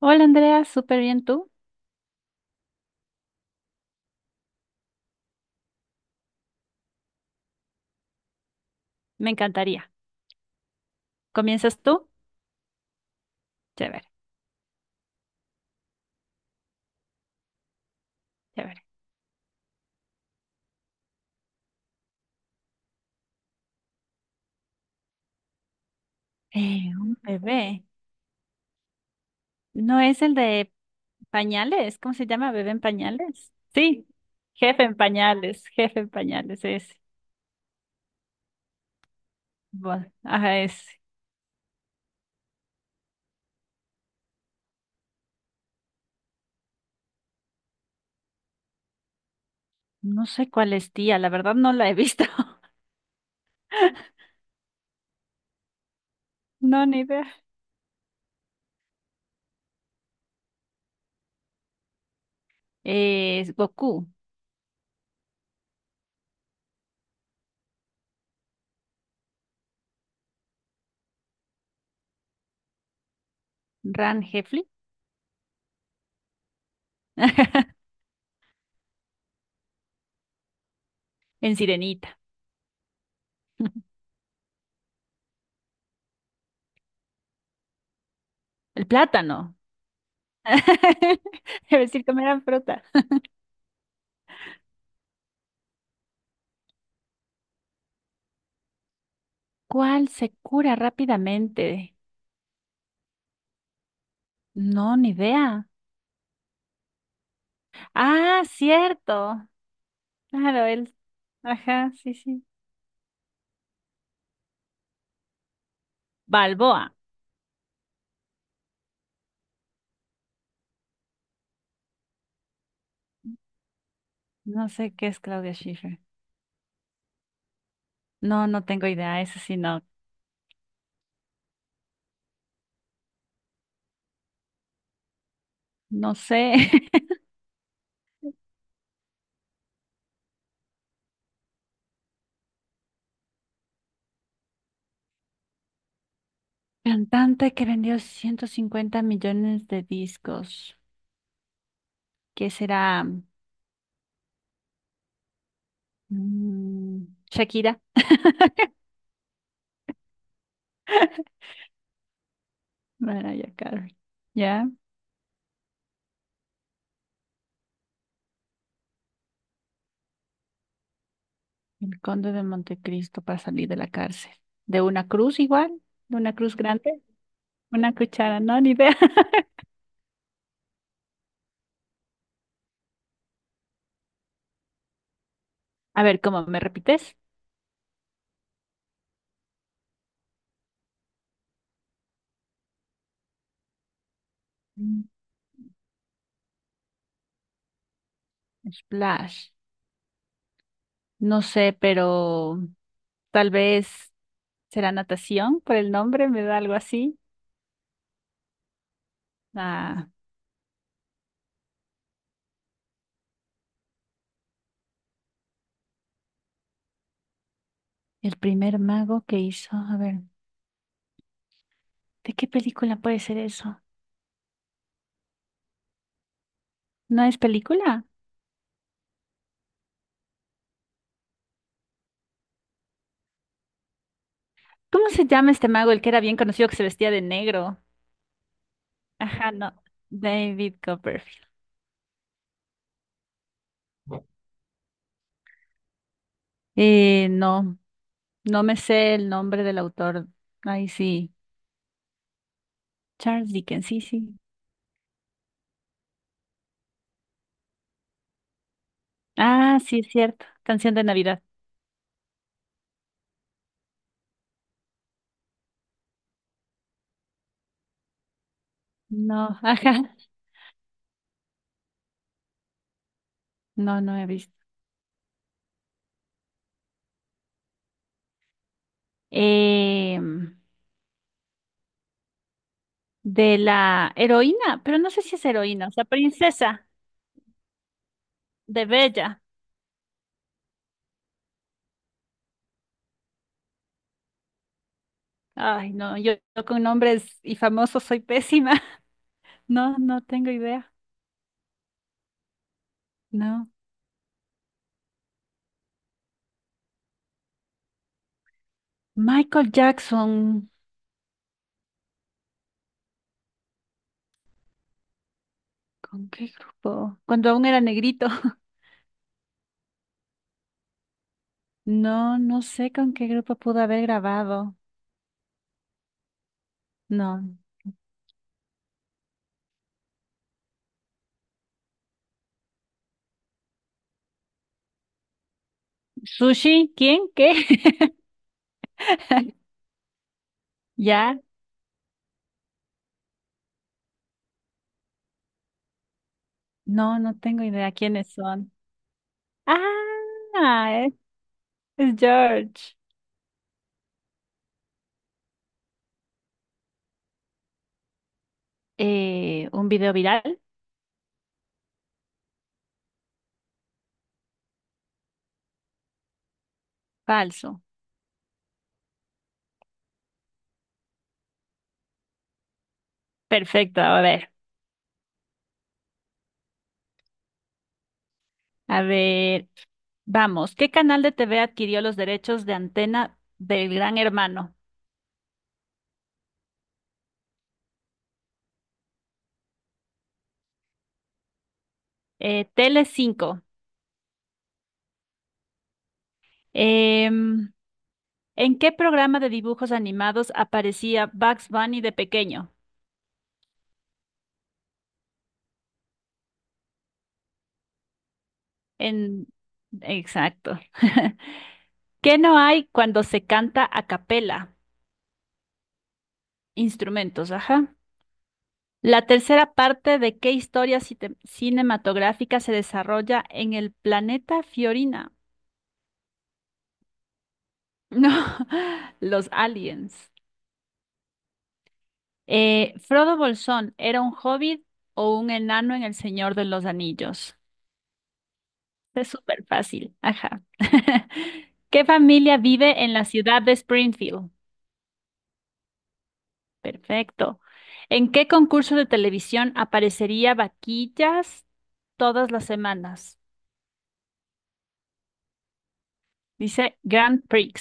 Hola Andrea, súper bien tú. Me encantaría. ¿Comienzas tú? Chévere, chévere. Un bebé. ¿No es el de pañales? ¿Cómo se llama? ¿Bebé en pañales? Sí, jefe en pañales es. Bueno, ajá, es. No sé cuál es tía, la verdad no la he visto. No, ni idea. Es Goku. Ran Hefli. En Sirenita. El plátano. Debe decir, comerán fruta. ¿Cuál se cura rápidamente? No, ni idea. Ah, cierto. Claro, él. Ajá, sí, sí. Balboa. No sé qué es Claudia Schiffer. No, no tengo idea. Eso sí, no. No sé. Cantante que vendió 150 millones de discos. ¿Qué será? Mm, Shakira. Mariah Carey. Ya. El Conde de Montecristo para salir de la cárcel. ¿De una cruz igual? ¿De una cruz grande? ¿Una cuchara? No, ni idea. A ver, ¿cómo me repites? Splash. No sé, pero tal vez será natación por el nombre, me da algo así. Ah, el primer mago que hizo, a ver, ¿de qué película puede ser eso? ¿No es película? ¿Cómo se llama este mago, el que era bien conocido que se vestía de negro? Ajá, no. David Copperfield. No, no me sé el nombre del autor. Ay, sí. Charles Dickens, sí, sí. Ah, sí, es cierto. Canción de Navidad. No, ajá. No, no he visto. eh, de la heroína, pero no sé si es heroína, o sea, princesa de Bella. Ay, no, yo con nombres y famosos soy pésima. No, no tengo idea. No. Michael Jackson, ¿con qué grupo? Cuando aún era negrito. No, no sé con qué grupo pudo haber grabado. No. ¿Sushi? ¿Quién? ¿Qué? ¿Ya? No, no tengo idea quiénes son. Ah, es George. ¿Un video viral? Falso. Perfecto, a ver, vamos. ¿Qué canal de TV adquirió los derechos de antena del Gran Hermano? Tele Em, ¿en qué programa de dibujos animados aparecía Bugs Bunny de pequeño? En... Exacto. ¿Qué no hay cuando se canta a capela? Instrumentos, ajá. La tercera parte de qué historia cinematográfica se desarrolla en el planeta Fiorina. No, los aliens. Frodo Bolsón, ¿era un hobbit o un enano en El Señor de los Anillos? Es súper fácil. Ajá. ¿Qué familia vive en la ciudad de Springfield? Perfecto. ¿En qué concurso de televisión aparecería Vaquillas todas las semanas? Dice Grand Prix.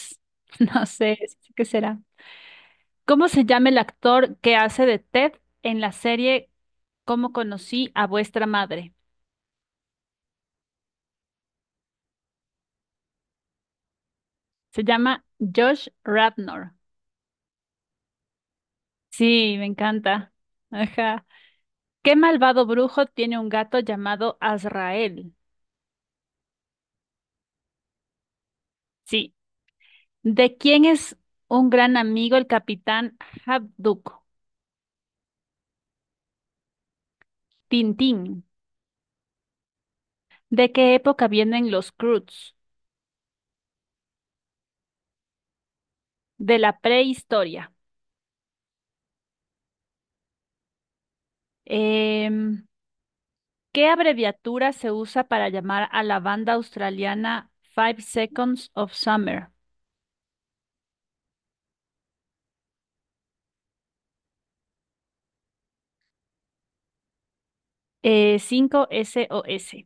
No sé, ¿qué será? ¿Cómo se llama el actor que hace de Ted en la serie Cómo conocí a vuestra madre? Se llama Josh Radnor. Sí, me encanta. Ajá. ¿Qué malvado brujo tiene un gato llamado Azrael? Sí. ¿De quién es un gran amigo el capitán Habduk? Tintín. ¿De qué época vienen los Croods? De la prehistoria. Em, ¿qué abreviatura se usa para llamar a la banda australiana Five Seconds of Summer? 5SOS.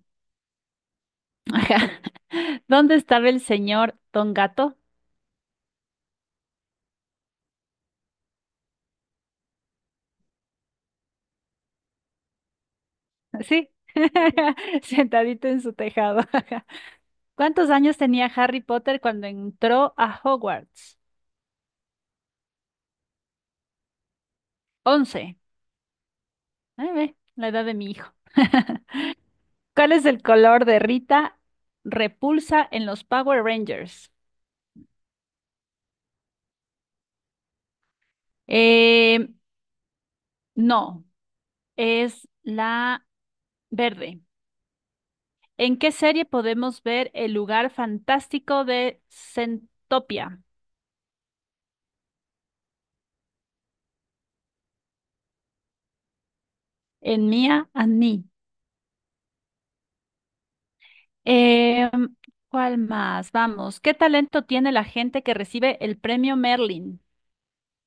Ajá. ¿Dónde estaba el señor Don Gato? Sí, sentadito en su tejado. Ajá. ¿Cuántos años tenía Harry Potter cuando entró a Hogwarts? 11. Ay, ve, la edad de mi hijo. ¿Cuál es el color de Rita Repulsa en los Power Rangers? Eh, no, es la verde. ¿En qué serie podemos ver el lugar fantástico de Centopia? En Mia and Me. Eh, ¿Cuál más? Vamos, ¿qué talento tiene la gente que recibe el premio Merlin?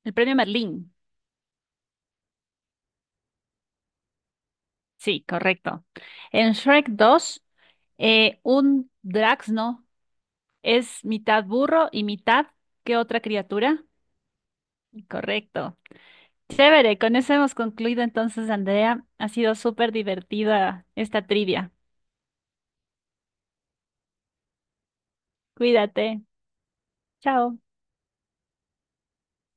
El premio Merlin. Sí, correcto. En Shrek 2, un Draxno es mitad burro y mitad, ¿qué otra criatura? Correcto. Chévere, con eso hemos concluido entonces, Andrea. Ha sido súper divertida esta trivia. Cuídate. Chao.